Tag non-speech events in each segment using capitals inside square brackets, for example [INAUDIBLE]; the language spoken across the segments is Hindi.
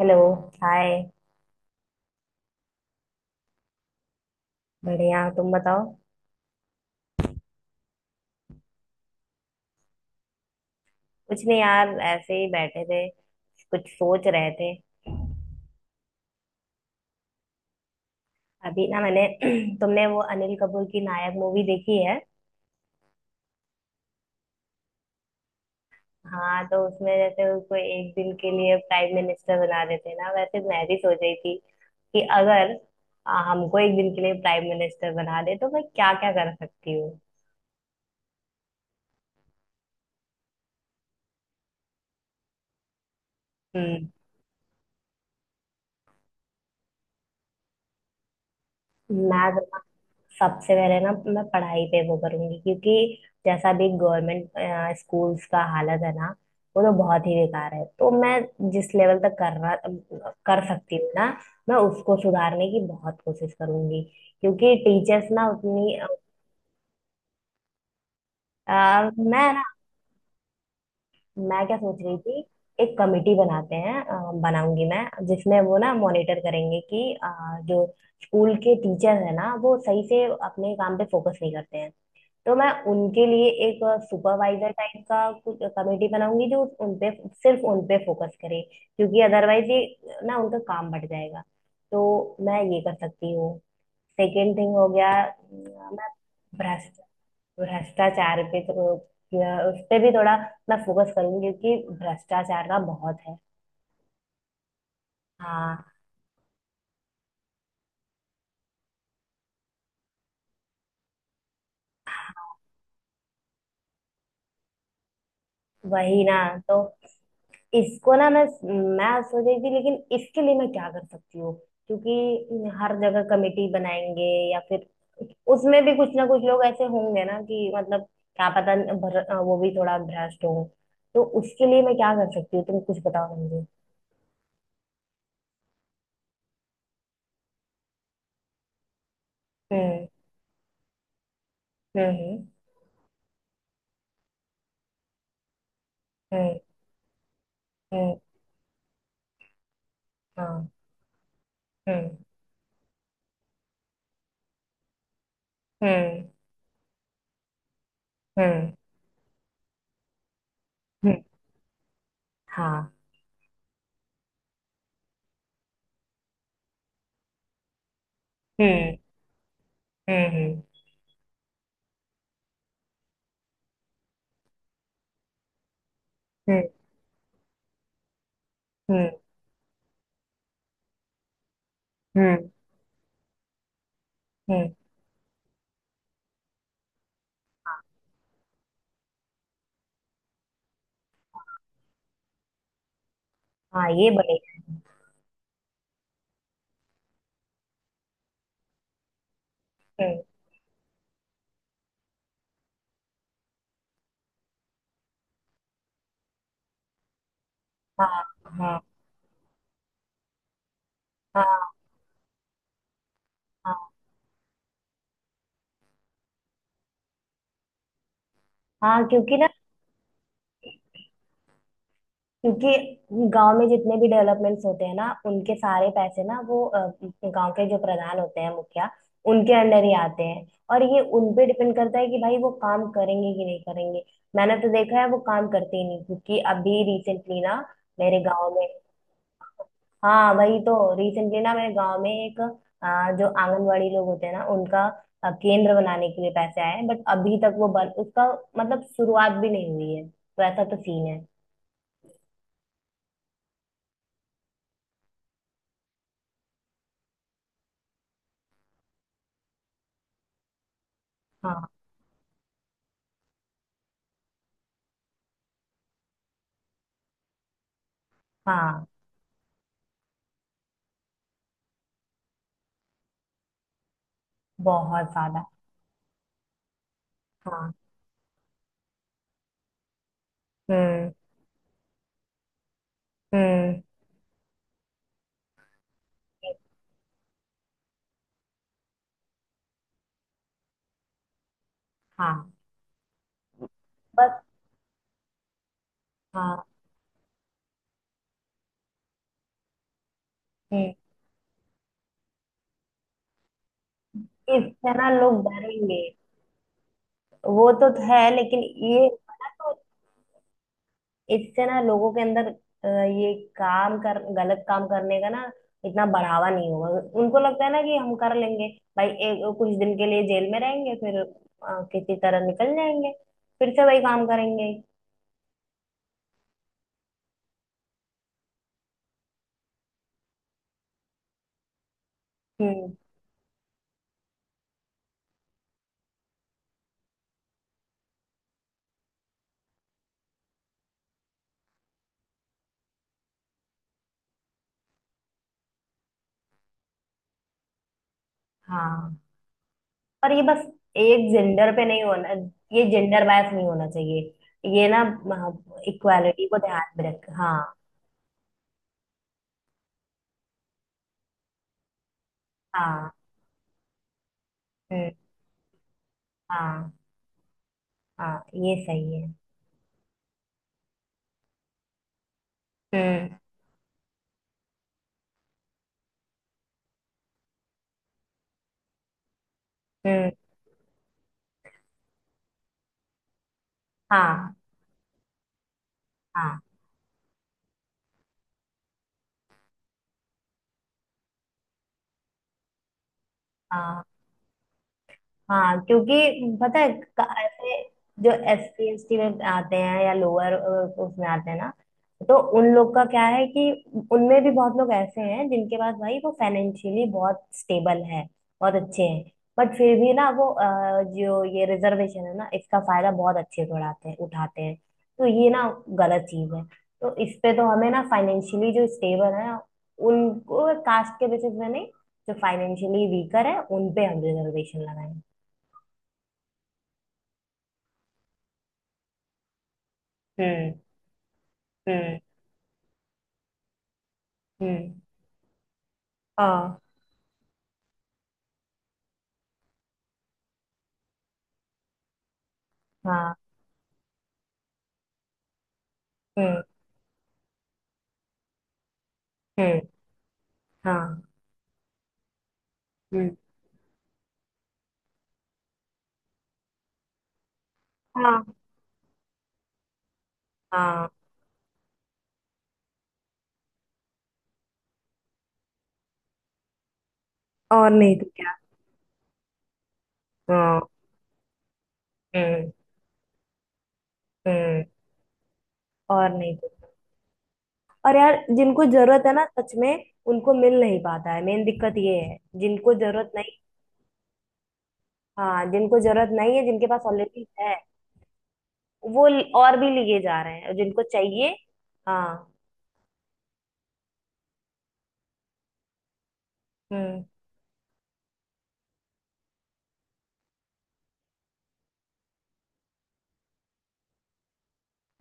हेलो। हाय। बढ़िया, तुम बताओ। कुछ नहीं यार, ऐसे ही बैठे थे। कुछ सोच रहे थे। अभी ना मैंने [CLEARS THROAT] तुमने वो अनिल कपूर की नायक मूवी देखी है? हाँ, तो उसमें जैसे उसको एक दिन के लिए प्राइम मिनिस्टर बना देते हैं ना, वैसे मैं भी सोच रही थी कि अगर हमको एक दिन के लिए प्राइम मिनिस्टर बना दे तो मैं क्या क्या कर सकती हूँ। हम्म। मैं सबसे पहले ना, मैं पढ़ाई पे वो करूंगी, क्योंकि जैसा भी गवर्नमेंट स्कूल्स का हालत है ना, वो तो बहुत ही बेकार है। तो मैं जिस लेवल तक कर सकती हूँ ना, मैं उसको सुधारने की बहुत कोशिश करूंगी, क्योंकि टीचर्स ना उतनी। मैं ना, मैं क्या सोच रही थी। एक कमेटी बनाऊंगी मैं, जिसमें वो ना मॉनिटर करेंगे कि जो स्कूल के टीचर है ना, वो सही से अपने काम पे फोकस नहीं करते हैं। तो मैं उनके लिए एक सुपरवाइजर टाइप का कुछ कमेटी बनाऊंगी, जो उन पे सिर्फ उन पे फोकस करे, क्योंकि अदरवाइज ये ना उनका काम बढ़ जाएगा। तो मैं ये कर सकती हूँ। सेकेंड थिंग हो गया, मैं भ्रष्ट भ्रष्टाचार पे या उस पे भी थोड़ा मैं फोकस करूंगी, क्योंकि भ्रष्टाचार का बहुत है। हाँ, वही ना। तो इसको ना, मैं सोच रही थी, लेकिन इसके लिए मैं क्या कर सकती हूँ। क्योंकि हर जगह कमेटी बनाएंगे या फिर उसमें भी कुछ ना कुछ लोग ऐसे होंगे ना कि मतलब क्या पता वो भी थोड़ा भ्रष्ट हो। तो उसके लिए मैं क्या कर सकती हूँ, तुम कुछ बताओ मुझे। हम्म। हम्म। हम्म। हम्म। हाँ। हम्म। हम्म। हम्म। हम्म। हाँ। हम्म। हम्म। हम्म। हम्म। हम्म। हम्म। हाँ, ये बनेगा। हम्म। हाँ। हाँ। हाँ। हाँ। हाँ। क्योंकि गांव में जितने भी डेवलपमेंट्स होते हैं ना, उनके सारे पैसे ना वो गांव के जो प्रधान होते हैं, मुखिया, उनके अंडर ही आते हैं। और ये उन पे डिपेंड करता है कि भाई वो काम करेंगे कि नहीं करेंगे। मैंने तो देखा है वो काम करते ही नहीं, क्योंकि अभी रिसेंटली ना मेरे गांव में। हाँ, वही तो रिसेंटली ना मेरे गांव में एक जो आंगनवाड़ी लोग होते हैं ना उनका केंद्र बनाने के लिए पैसे आए हैं, बट अभी तक वो बन उसका मतलब शुरुआत भी नहीं हुई है, तो ऐसा तो सीन है। हाँ। हाँ। बहुत ज्यादा। हाँ। हम्म। हम्म। हाँ। बस। हाँ। हम्म, इससे ना लोग डरेंगे। वो तो है, लेकिन ये है ना, तो इससे ना लोगों के अंदर ये काम कर गलत काम करने का ना इतना बढ़ावा नहीं होगा। उनको लगता है ना कि हम कर लेंगे, भाई एक कुछ दिन के लिए जेल में रहेंगे, फिर किसी तरह निकल जाएंगे, फिर से वही काम करेंगे। हम्म। हाँ, पर ये बस एक जेंडर पे नहीं होना। ये जेंडर बायस नहीं होना चाहिए ये ना, इक्वालिटी को ध्यान में रख। हाँ। हाँ। हम्म। हाँ। हाँ, ये सही है। हम्म। हम्म। हाँ। हाँ। हाँ। हाँ। क्योंकि पता है, ऐसे जो SC/ST में आते हैं या लोअर उसमें आते हैं ना, तो उन लोग का क्या है कि उनमें भी बहुत लोग ऐसे हैं जिनके पास भाई वो फाइनेंशियली बहुत स्टेबल है, बहुत अच्छे हैं, बट फिर भी ना वो जो ये रिजर्वेशन है ना, इसका फायदा बहुत अच्छे से उड़ाते हैं उठाते हैं। तो ये ना गलत चीज है। तो इस पे तो हमें ना फाइनेंशियली जो स्टेबल है उनको कास्ट के बेसिस में नहीं, जो फाइनेंशियली वीकर है उन पे हम रिजर्वेशन लगाएं। हम्म। हम्म। हम्म। हाँ। हाँ। हम्म। हम्म। हाँ। हम्म, हाँ। हाँ। और नहीं तो क्या। हाँ। हम्म। हम्म। और नहीं तो क्या। और यार जिनको जरूरत है ना सच में, उनको मिल नहीं पाता है, मेन दिक्कत ये है, जिनको जरूरत नहीं। हाँ, जिनको जरूरत नहीं है, जिनके पास ऑलरेडी है वो और भी लिए जा रहे हैं, और जिनको चाहिए। हाँ। हम्म।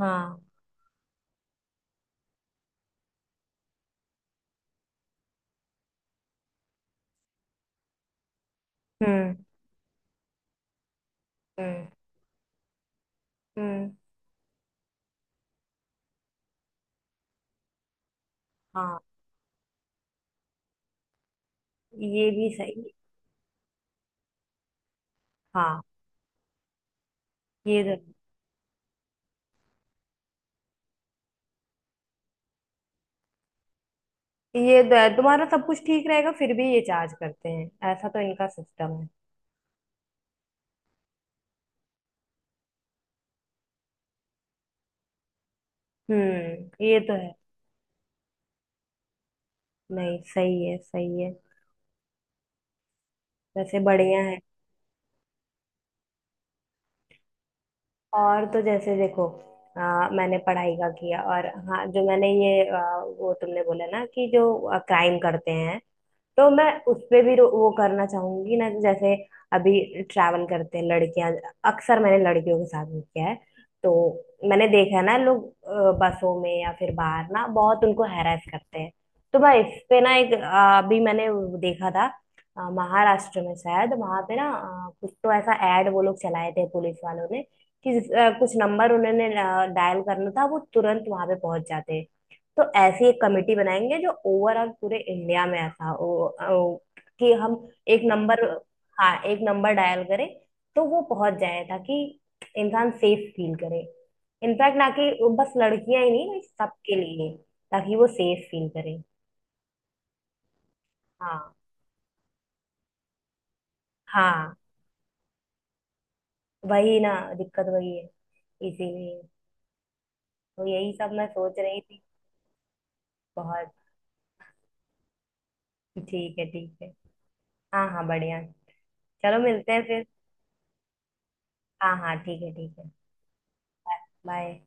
हाँ। हम्म। हम्म। हम्म। हाँ, ये भी सही। हाँ, ये तो तुम्हारा सब कुछ ठीक रहेगा फिर भी ये चार्ज करते हैं, ऐसा तो इनका सिस्टम है। हम्म, ये तो है। नहीं, सही है, सही है। वैसे बढ़िया है। और तो जैसे देखो, मैंने पढ़ाई का किया, और हाँ, जो मैंने ये आ, वो तुमने बोला ना कि जो क्राइम करते हैं, तो मैं उस पे भी वो करना चाहूंगी ना, जैसे अभी ट्रैवल करते हैं लड़कियां, अक्सर मैंने लड़कियों के साथ भी किया है। तो मैंने देखा है ना, लोग बसों में या फिर बाहर ना बहुत उनको हैरेस करते हैं। तो मैं इस पे ना अभी मैंने वो देखा था, महाराष्ट्र में शायद वहां पे ना, कुछ तो ऐसा ऐड वो लोग चलाए थे पुलिस वालों ने कि कुछ नंबर उन्होंने डायल करना था, वो तुरंत वहां पे पहुंच जाते। तो ऐसी एक कमेटी बनाएंगे जो ओवरऑल पूरे इंडिया में ऐसा हो, कि हम एक नंबर, हाँ, एक नंबर डायल करें, तो वो पहुंच जाए, ताकि इंसान सेफ फील करे। इनफैक्ट ना कि वो बस लड़कियां ही नहीं, भाई सबके लिए, ताकि वो सेफ फील करे। हाँ। हाँ। वही ना। दिक्कत वही है, इसीलिए। तो यही सब मैं सोच रही थी। बहुत। ठीक है, ठीक है। हाँ, हाँ, बढ़िया। चलो, मिलते हैं फिर। हाँ, हाँ, ठीक है, ठीक है। बाय।